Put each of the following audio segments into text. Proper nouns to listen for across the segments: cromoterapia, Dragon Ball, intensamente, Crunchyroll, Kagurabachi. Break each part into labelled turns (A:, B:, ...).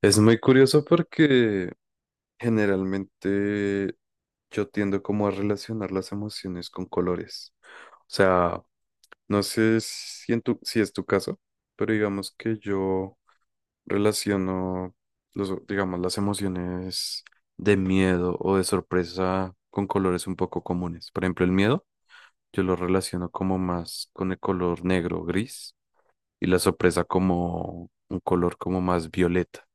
A: Es muy curioso porque generalmente yo tiendo como a relacionar las emociones con colores. O sea, no sé si, si es tu caso, pero digamos que yo relaciono digamos, las emociones de miedo o de sorpresa con colores un poco comunes. Por ejemplo, el miedo yo lo relaciono como más con el color negro o gris, y la sorpresa como un color como más violeta.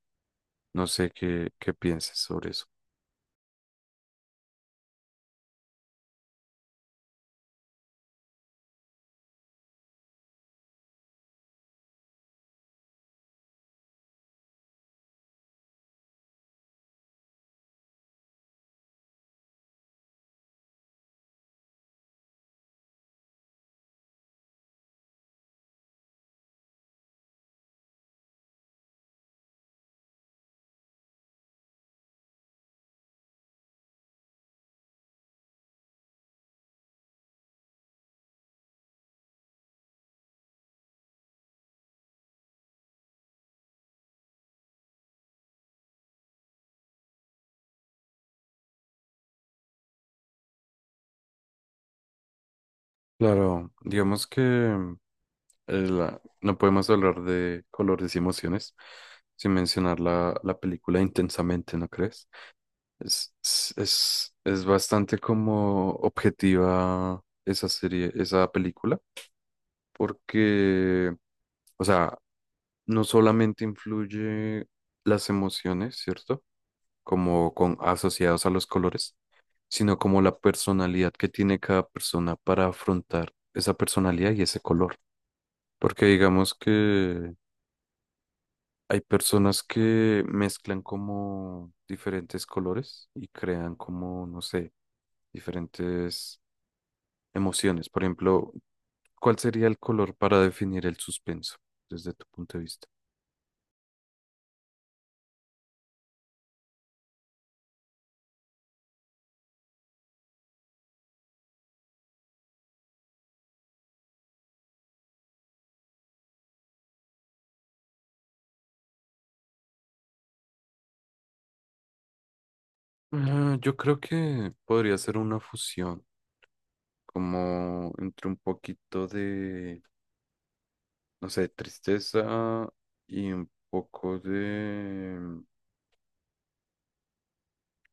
A: No sé qué pienses sobre eso. Claro, digamos que no podemos hablar de colores y emociones sin mencionar la película Intensamente, ¿no crees? Es bastante como objetiva esa serie, esa película, porque, o sea, no solamente influye las emociones, ¿cierto? Como con asociados a los colores, sino como la personalidad que tiene cada persona para afrontar esa personalidad y ese color. Porque digamos que hay personas que mezclan como diferentes colores y crean como, no sé, diferentes emociones. Por ejemplo, ¿cuál sería el color para definir el suspenso desde tu punto de vista? Ah, yo creo que podría ser una fusión, como entre un poquito de, no sé, tristeza y un poco de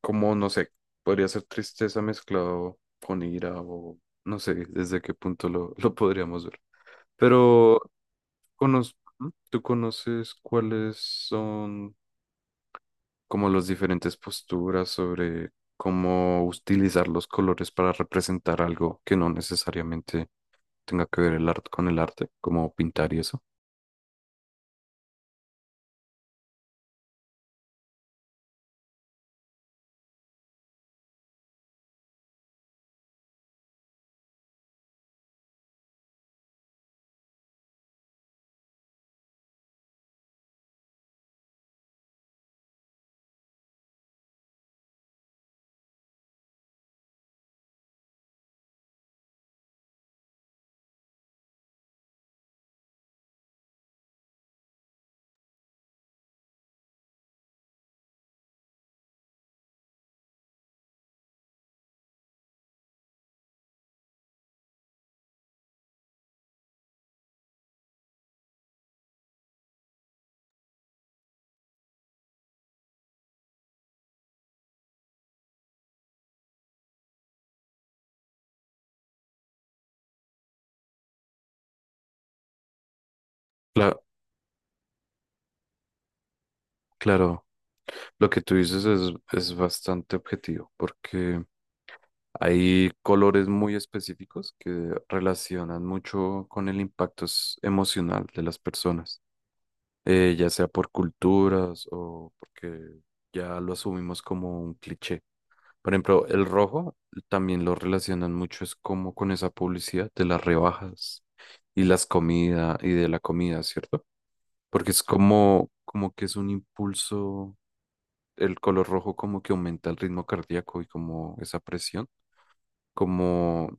A: como, no sé, podría ser tristeza mezclado con ira o no sé desde qué punto lo podríamos ver. Pero, ¿tú conoces cuáles son como las diferentes posturas sobre cómo utilizar los colores para representar algo que no necesariamente tenga que ver el arte con el arte, como pintar y eso? Claro, claro, lo que tú dices es bastante objetivo porque... Hay colores muy específicos que relacionan mucho con el impacto emocional de las personas, ya sea por culturas o porque ya lo asumimos como un cliché. Por ejemplo, el rojo también lo relacionan mucho, es como con esa publicidad de las rebajas y las comidas y de la comida, ¿cierto? Porque es como, como que es un impulso, el color rojo como que aumenta el ritmo cardíaco y como esa presión como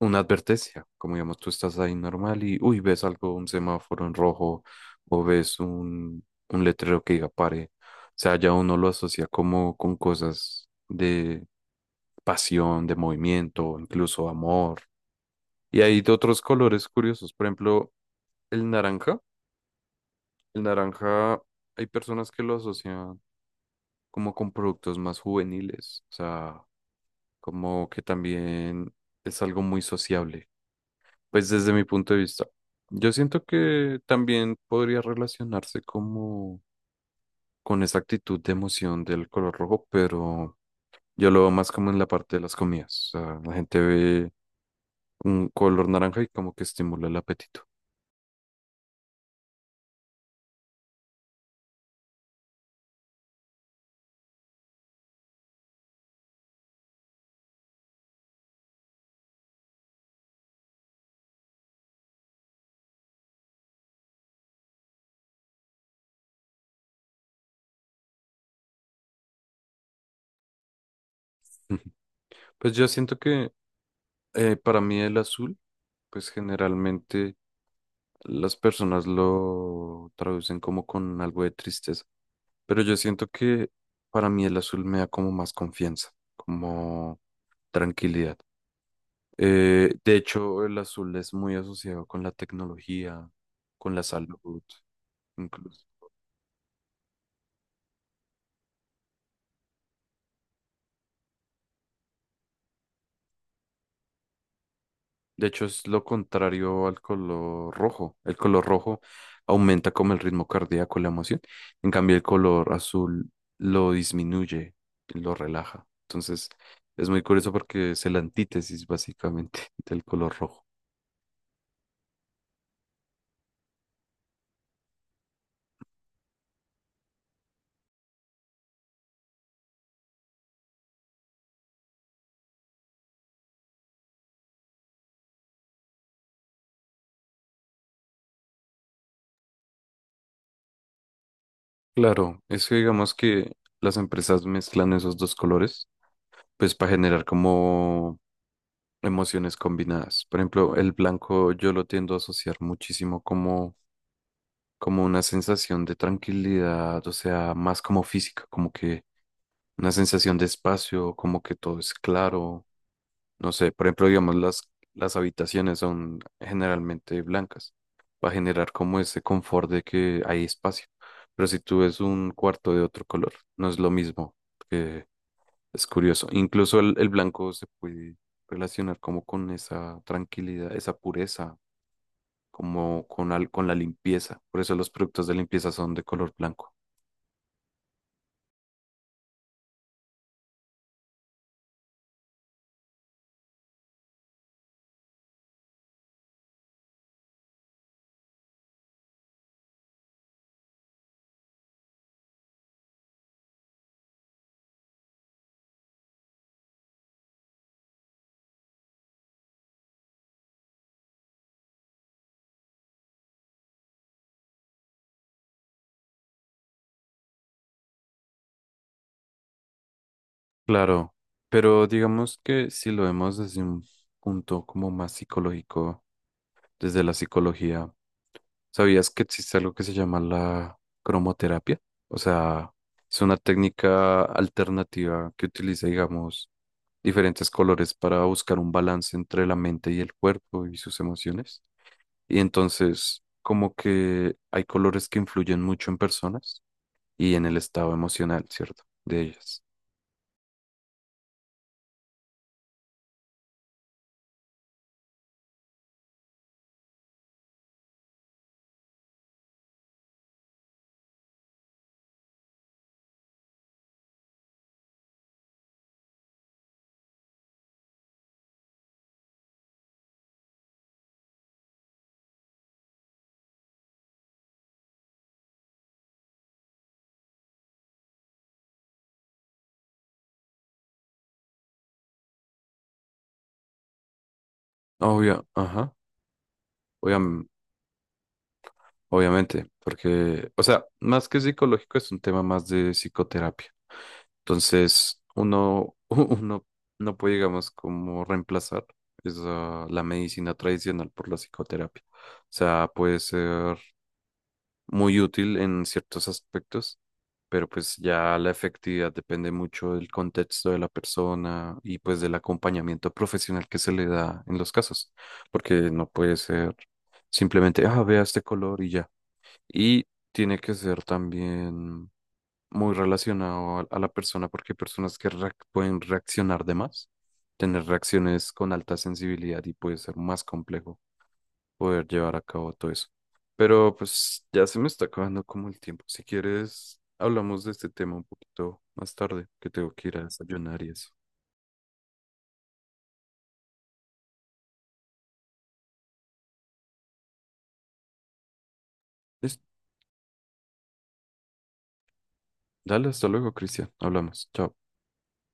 A: una advertencia, como digamos, tú estás ahí normal y, uy, ves algo, un semáforo en rojo o ves un letrero que diga pare. O sea, ya uno lo asocia como con cosas de pasión, de movimiento, incluso amor. Y hay de otros colores curiosos, por ejemplo, el naranja. El naranja, hay personas que lo asocian como con productos más juveniles, o sea, como que también es algo muy sociable. Pues desde mi punto de vista, yo siento que también podría relacionarse como con esa actitud de emoción del color rojo, pero yo lo veo más como en la parte de las comidas. O sea, la gente ve un color naranja y como que estimula el apetito. Pues yo siento que para mí el azul, pues generalmente las personas lo traducen como con algo de tristeza, pero yo siento que para mí el azul me da como más confianza, como tranquilidad. De hecho, el azul es muy asociado con la tecnología, con la salud, incluso. De hecho, es lo contrario al color rojo. El color rojo aumenta como el ritmo cardíaco, la emoción. En cambio, el color azul lo disminuye, lo relaja. Entonces, es muy curioso porque es el antítesis, básicamente, del color rojo. Claro, es que digamos que las empresas mezclan esos dos colores, pues para generar como emociones combinadas. Por ejemplo, el blanco yo lo tiendo a asociar muchísimo como una sensación de tranquilidad, o sea, más como física, como que una sensación de espacio, como que todo es claro. No sé, por ejemplo, digamos, las habitaciones son generalmente blancas. Va a generar como ese confort de que hay espacio. Pero si tú ves un cuarto de otro color, no es lo mismo, es curioso. Incluso el blanco se puede relacionar como con esa tranquilidad, esa pureza, como con la limpieza. Por eso los productos de limpieza son de color blanco. Claro, pero digamos que si lo vemos desde un punto como más psicológico, desde la psicología, ¿sabías que existe algo que se llama la cromoterapia? O sea, es una técnica alternativa que utiliza, digamos, diferentes colores para buscar un balance entre la mente y el cuerpo y sus emociones. Y entonces, como que hay colores que influyen mucho en personas y en el estado emocional, ¿cierto? De ellas. Obvio, ajá, obviam- obviamente, porque, o sea, más que psicológico es un tema más de psicoterapia. Entonces, uno, uno no puede, digamos, como reemplazar la medicina tradicional por la psicoterapia. O sea, puede ser muy útil en ciertos aspectos, pero pues ya la efectividad depende mucho del contexto de la persona y pues del acompañamiento profesional que se le da en los casos, porque no puede ser simplemente, ah, vea este color y ya. Y tiene que ser también muy relacionado a la persona, porque hay personas que pueden reaccionar de más, tener reacciones con alta sensibilidad y puede ser más complejo poder llevar a cabo todo eso. Pero pues ya se me está acabando como el tiempo. Si quieres, hablamos de este tema un poquito más tarde, que tengo que ir a desayunar y eso. Listo. Dale, hasta luego, Cristian. Hablamos. Chao.